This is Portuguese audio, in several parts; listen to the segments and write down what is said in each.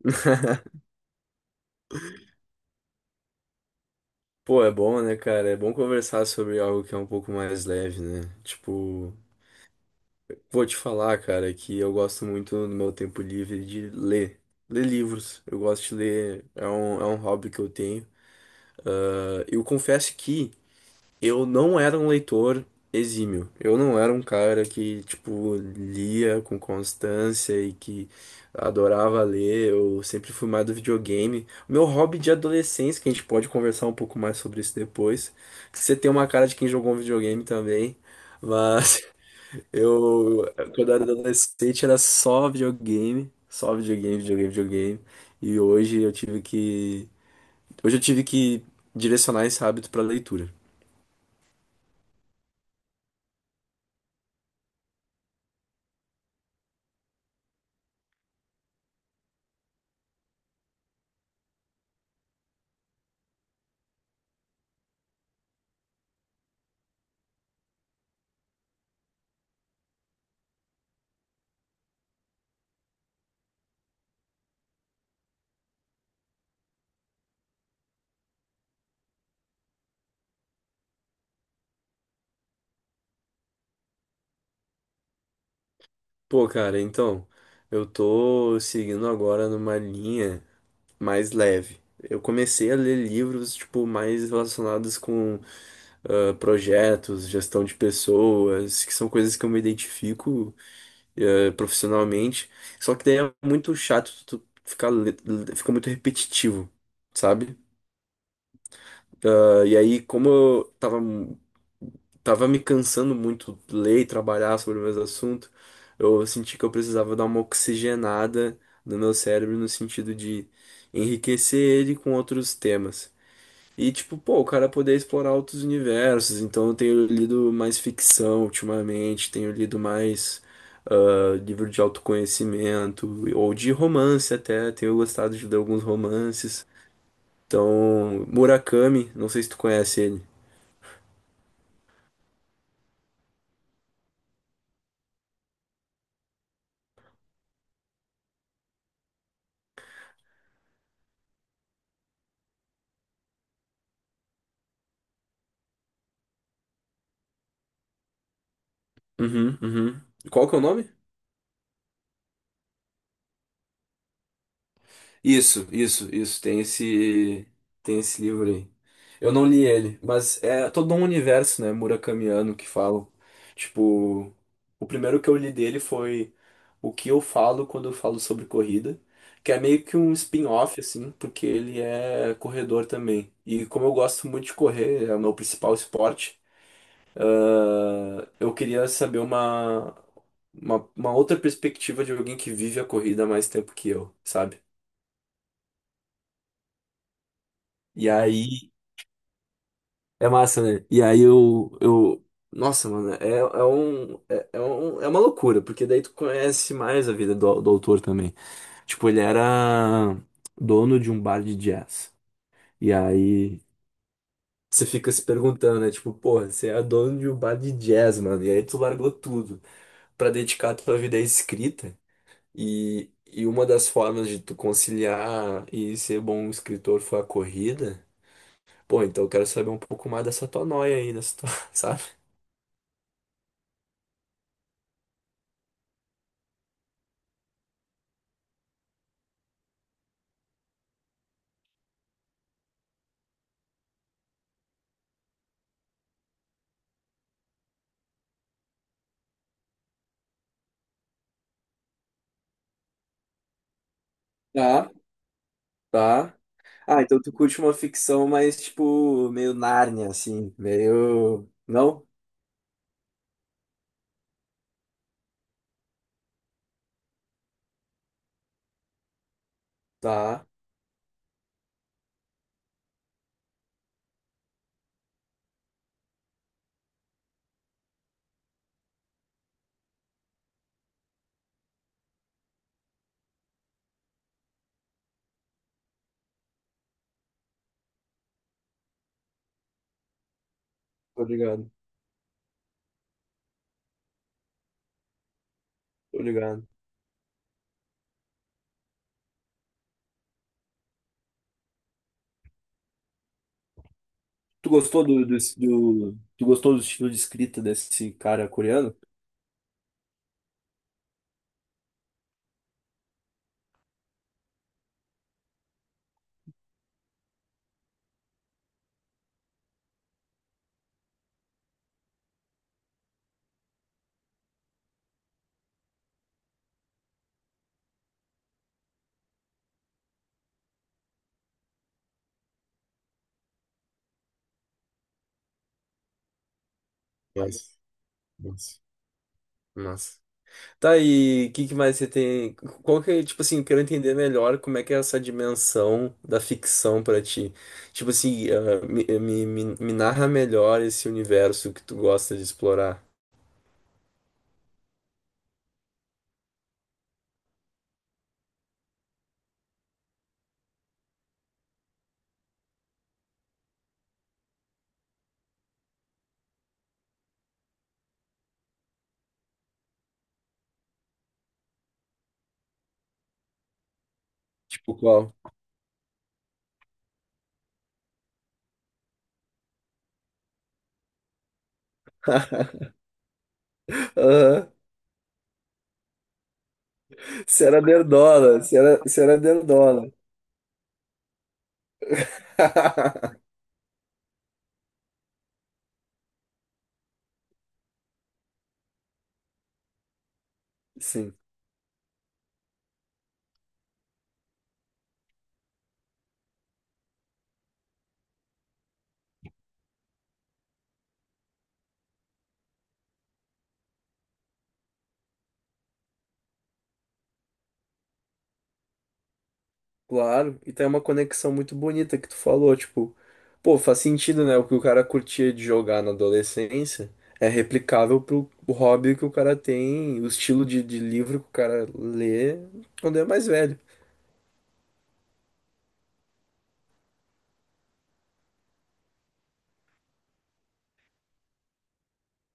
Pô, é bom, né, cara? É bom conversar sobre algo que é um pouco mais leve, né? Tipo, vou te falar, cara, que eu gosto muito no meu tempo livre de ler. Ler livros. Eu gosto de ler, é um hobby que eu tenho. Eu confesso que eu não era um leitor exímio. Eu não era um cara que, tipo, lia com constância e que adorava ler. Eu sempre fui mais do videogame. Meu hobby de adolescência, que a gente pode conversar um pouco mais sobre isso depois. Que Você tem uma cara de quem jogou um videogame também. Mas eu, quando eu era adolescente, era só videogame. Só videogame, videogame, videogame. E hoje eu tive que. Hoje eu tive que direcionar esse hábito pra leitura. Pô, cara, então, eu tô seguindo agora numa linha mais leve. Eu comecei a ler livros, tipo, mais relacionados com projetos, gestão de pessoas, que são coisas que eu me identifico profissionalmente. Só que daí é muito chato, tu ficar, fica muito repetitivo, sabe? Ah, e aí, como eu tava tava me cansando muito de ler e trabalhar sobre o mesmo assunto. Eu senti que eu precisava dar uma oxigenada no meu cérebro no sentido de enriquecer ele com outros temas. E tipo, pô, o cara poder explorar outros universos. Então eu tenho lido mais ficção ultimamente, tenho lido mais livro de autoconhecimento ou de romance até. Tenho gostado de ler alguns romances. Então, Murakami, não sei se tu conhece ele. Uhum, uhum. Qual que é o nome? Isso, isso, isso. Tem esse livro aí. Eu não li ele, mas é todo um universo, né, murakamiano que falam. Tipo, o primeiro que eu li dele foi O que eu falo quando eu falo sobre corrida, que é meio que um spin-off, assim, porque ele é corredor também. E como eu gosto muito de correr, é o meu principal esporte, eu queria saber uma outra perspectiva de alguém que vive a corrida há mais tempo que eu, sabe? E aí é massa, né? Nossa, mano, é um... É uma loucura, porque daí tu conhece mais a vida do autor também. Tipo, ele era dono de um bar de jazz. E aí você fica se perguntando, né? Tipo, porra, você é dono de um bar de jazz, mano. E aí tu largou tudo pra dedicar a tua vida à escrita. E uma das formas de tu conciliar e ser bom escritor foi a corrida. Pô, então eu quero saber um pouco mais dessa tua noia aí, dessa tua, sabe? Tá, tá. Ah, então tu curte uma ficção mais, tipo, meio Nárnia, assim, meio... Não? Tá, tô ligado, tô ligado. Tu gostou tu gostou do estilo de escrita desse cara coreano? Nossa, nossa, nossa. Tá, e o que, que mais você tem? Qual que é, tipo assim, eu quero entender melhor como é que é essa dimensão da ficção pra ti. Tipo assim, ah, me narra melhor esse universo que tu gosta de explorar. Tipo qual? Aham. Você era nerdola, você era nerdola. Sim, claro. E tem uma conexão muito bonita que tu falou, tipo, pô, faz sentido, né? O que o cara curtia de jogar na adolescência é replicável pro hobby que o cara tem, o estilo de livro que o cara lê quando é mais velho.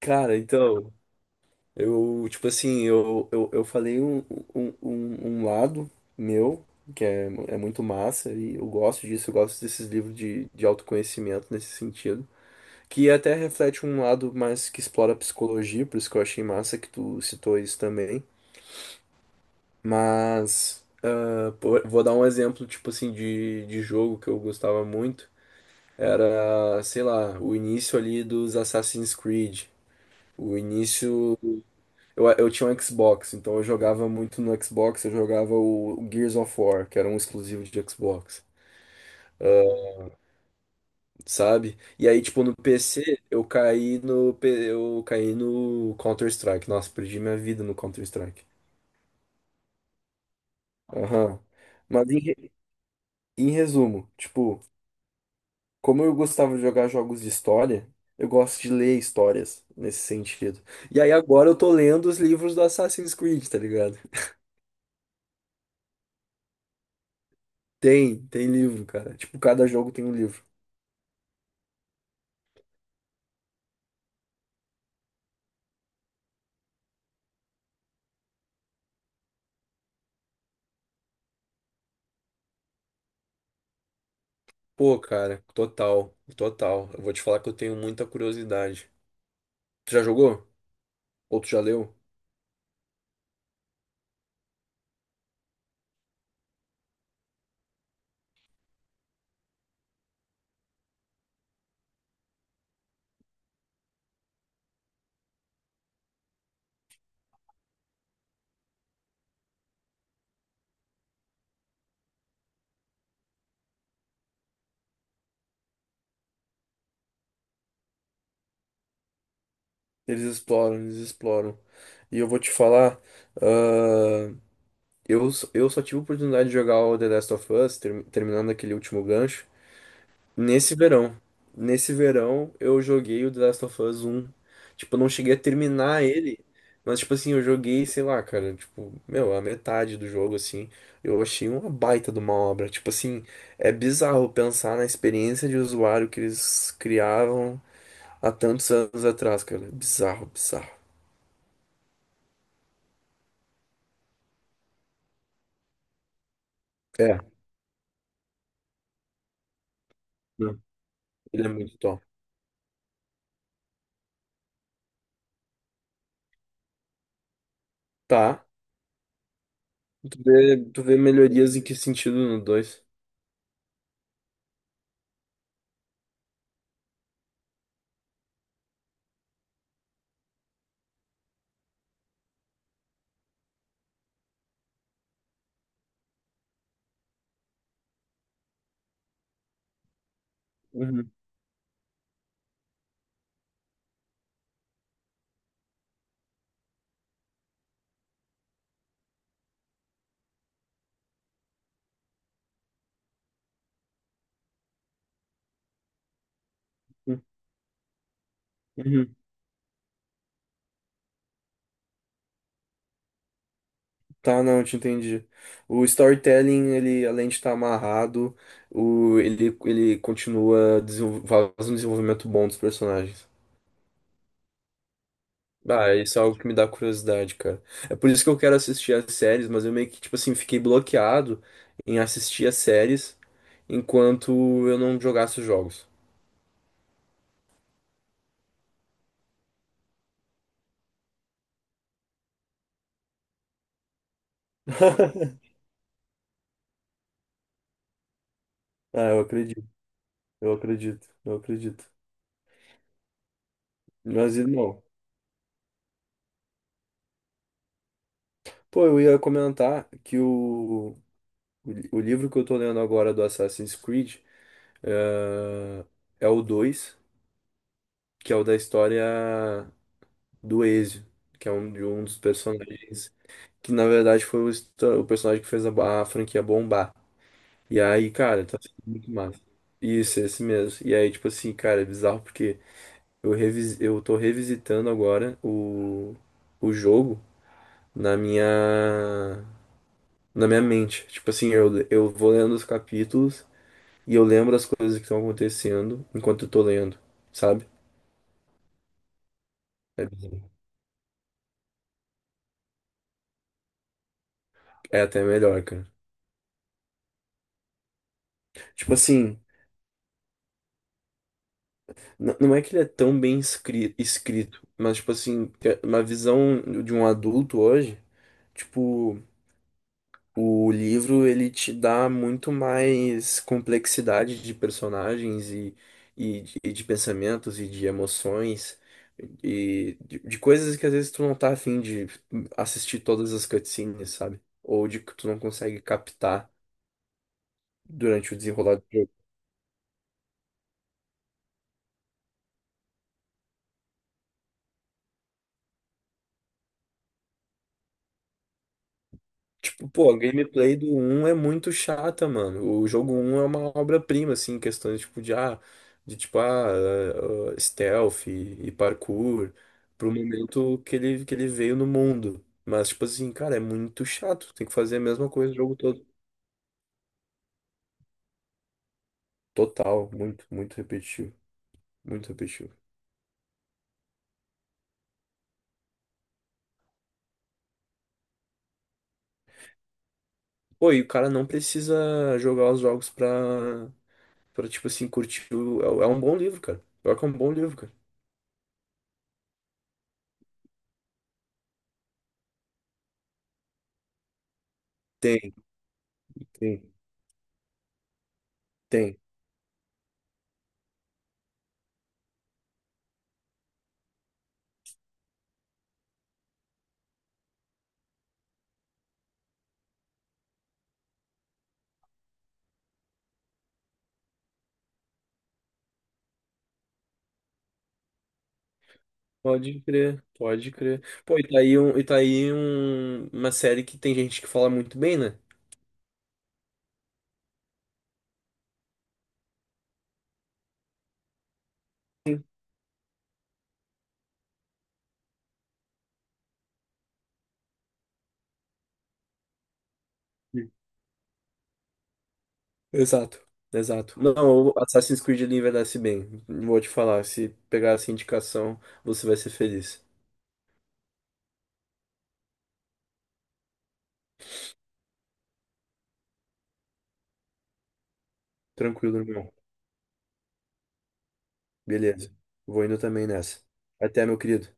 Cara, então, eu, tipo assim, eu falei um lado meu, que é, é muito massa, e eu gosto disso, eu gosto desses livros de autoconhecimento nesse sentido, que até reflete um lado mais que explora a psicologia, por isso que eu achei massa que tu citou isso também. Mas, ah, pô, vou dar um exemplo, tipo assim, de jogo que eu gostava muito. Era, sei lá, o início ali dos Assassin's Creed. O início Eu tinha um Xbox, então eu jogava muito no Xbox, eu jogava o Gears of War, que era um exclusivo de Xbox, ah, sabe? E aí, tipo, no PC, eu caí no Counter-Strike. Nossa, perdi minha vida no Counter-Strike. Aham. Mas em, re- em resumo, tipo, como eu gostava de jogar jogos de história, eu gosto de ler histórias nesse sentido. E aí agora eu tô lendo os livros do Assassin's Creed, tá ligado? Tem livro, cara. Tipo, cada jogo tem um livro. Pô, cara, total, total. Eu vou te falar que eu tenho muita curiosidade. Tu já jogou? Ou tu já leu? Eles exploram, eles exploram. E eu vou te falar, ah, eu só tive a oportunidade de jogar o The Last of Us, terminando aquele último gancho. Nesse verão. Nesse verão eu joguei o The Last of Us um, tipo, eu não cheguei a terminar ele, mas tipo assim, eu joguei, sei lá, cara, tipo, meu, a metade do jogo assim. Eu achei uma baita de uma obra. Tipo assim, é bizarro pensar na experiência de usuário que eles criavam há tantos anos atrás, cara. Bizarro, bizarro. É, não, ele é muito top. Tá. Tu vê melhorias em que sentido no 2? Uhum, uhum. Tá, não, eu te entendi. O storytelling, ele, além de estar amarrado, ele continua faz um desenvolvimento bom dos personagens. Ah, isso é algo que me dá curiosidade, cara. É por isso que eu quero assistir as séries, mas eu meio que, tipo assim, fiquei bloqueado em assistir as séries enquanto eu não jogasse os jogos. Ah, eu acredito. Mas, irmão, pô, eu ia comentar que o livro que eu tô lendo agora do Assassin's Creed. Ah, é o 2 que é o da história do Ezio, que é um, de um dos personagens que na verdade foi o personagem que fez a, a franquia bombar. E aí, cara, tá sendo muito massa. Isso, esse mesmo. E aí, tipo assim, cara, é bizarro porque eu tô revisitando agora o jogo na minha, na minha mente. Tipo assim, eu vou lendo os capítulos e eu lembro as coisas que estão acontecendo enquanto eu tô lendo, sabe? É bizarro. É até melhor, cara. Tipo assim, não é que ele é tão escrito, mas tipo assim, é uma visão de um adulto hoje, tipo, o livro ele te dá muito mais complexidade de personagens e de pensamentos e de emoções de coisas que às vezes tu não tá afim de assistir todas as cutscenes, sabe? Ou de que tu não consegue captar durante o desenrolar. Tipo, pô, a gameplay do um é muito chata, mano. O jogo um é uma obra-prima, assim, em questões, tipo, de, ah, de, tipo, stealth e parkour, pro momento que ele veio no mundo. Mas, tipo assim, cara, é muito chato. Tem que fazer a mesma coisa o jogo todo. Total, muito, muito repetitivo. Muito repetitivo. Pô, e o cara não precisa jogar os jogos pra tipo assim, curtir o... é um bom livro, cara. Pior que é um bom livro, cara. Tem, tem, tem. Pode crer, pode crer. Pô, e tá aí uma série que tem gente que fala muito bem, né? Sim. Exato, exato. Não, o Assassin's Creed ele envelhece bem. Vou te falar, se pegar essa indicação, você vai ser feliz. Tranquilo, irmão. Beleza. Vou indo também nessa. Até, meu querido.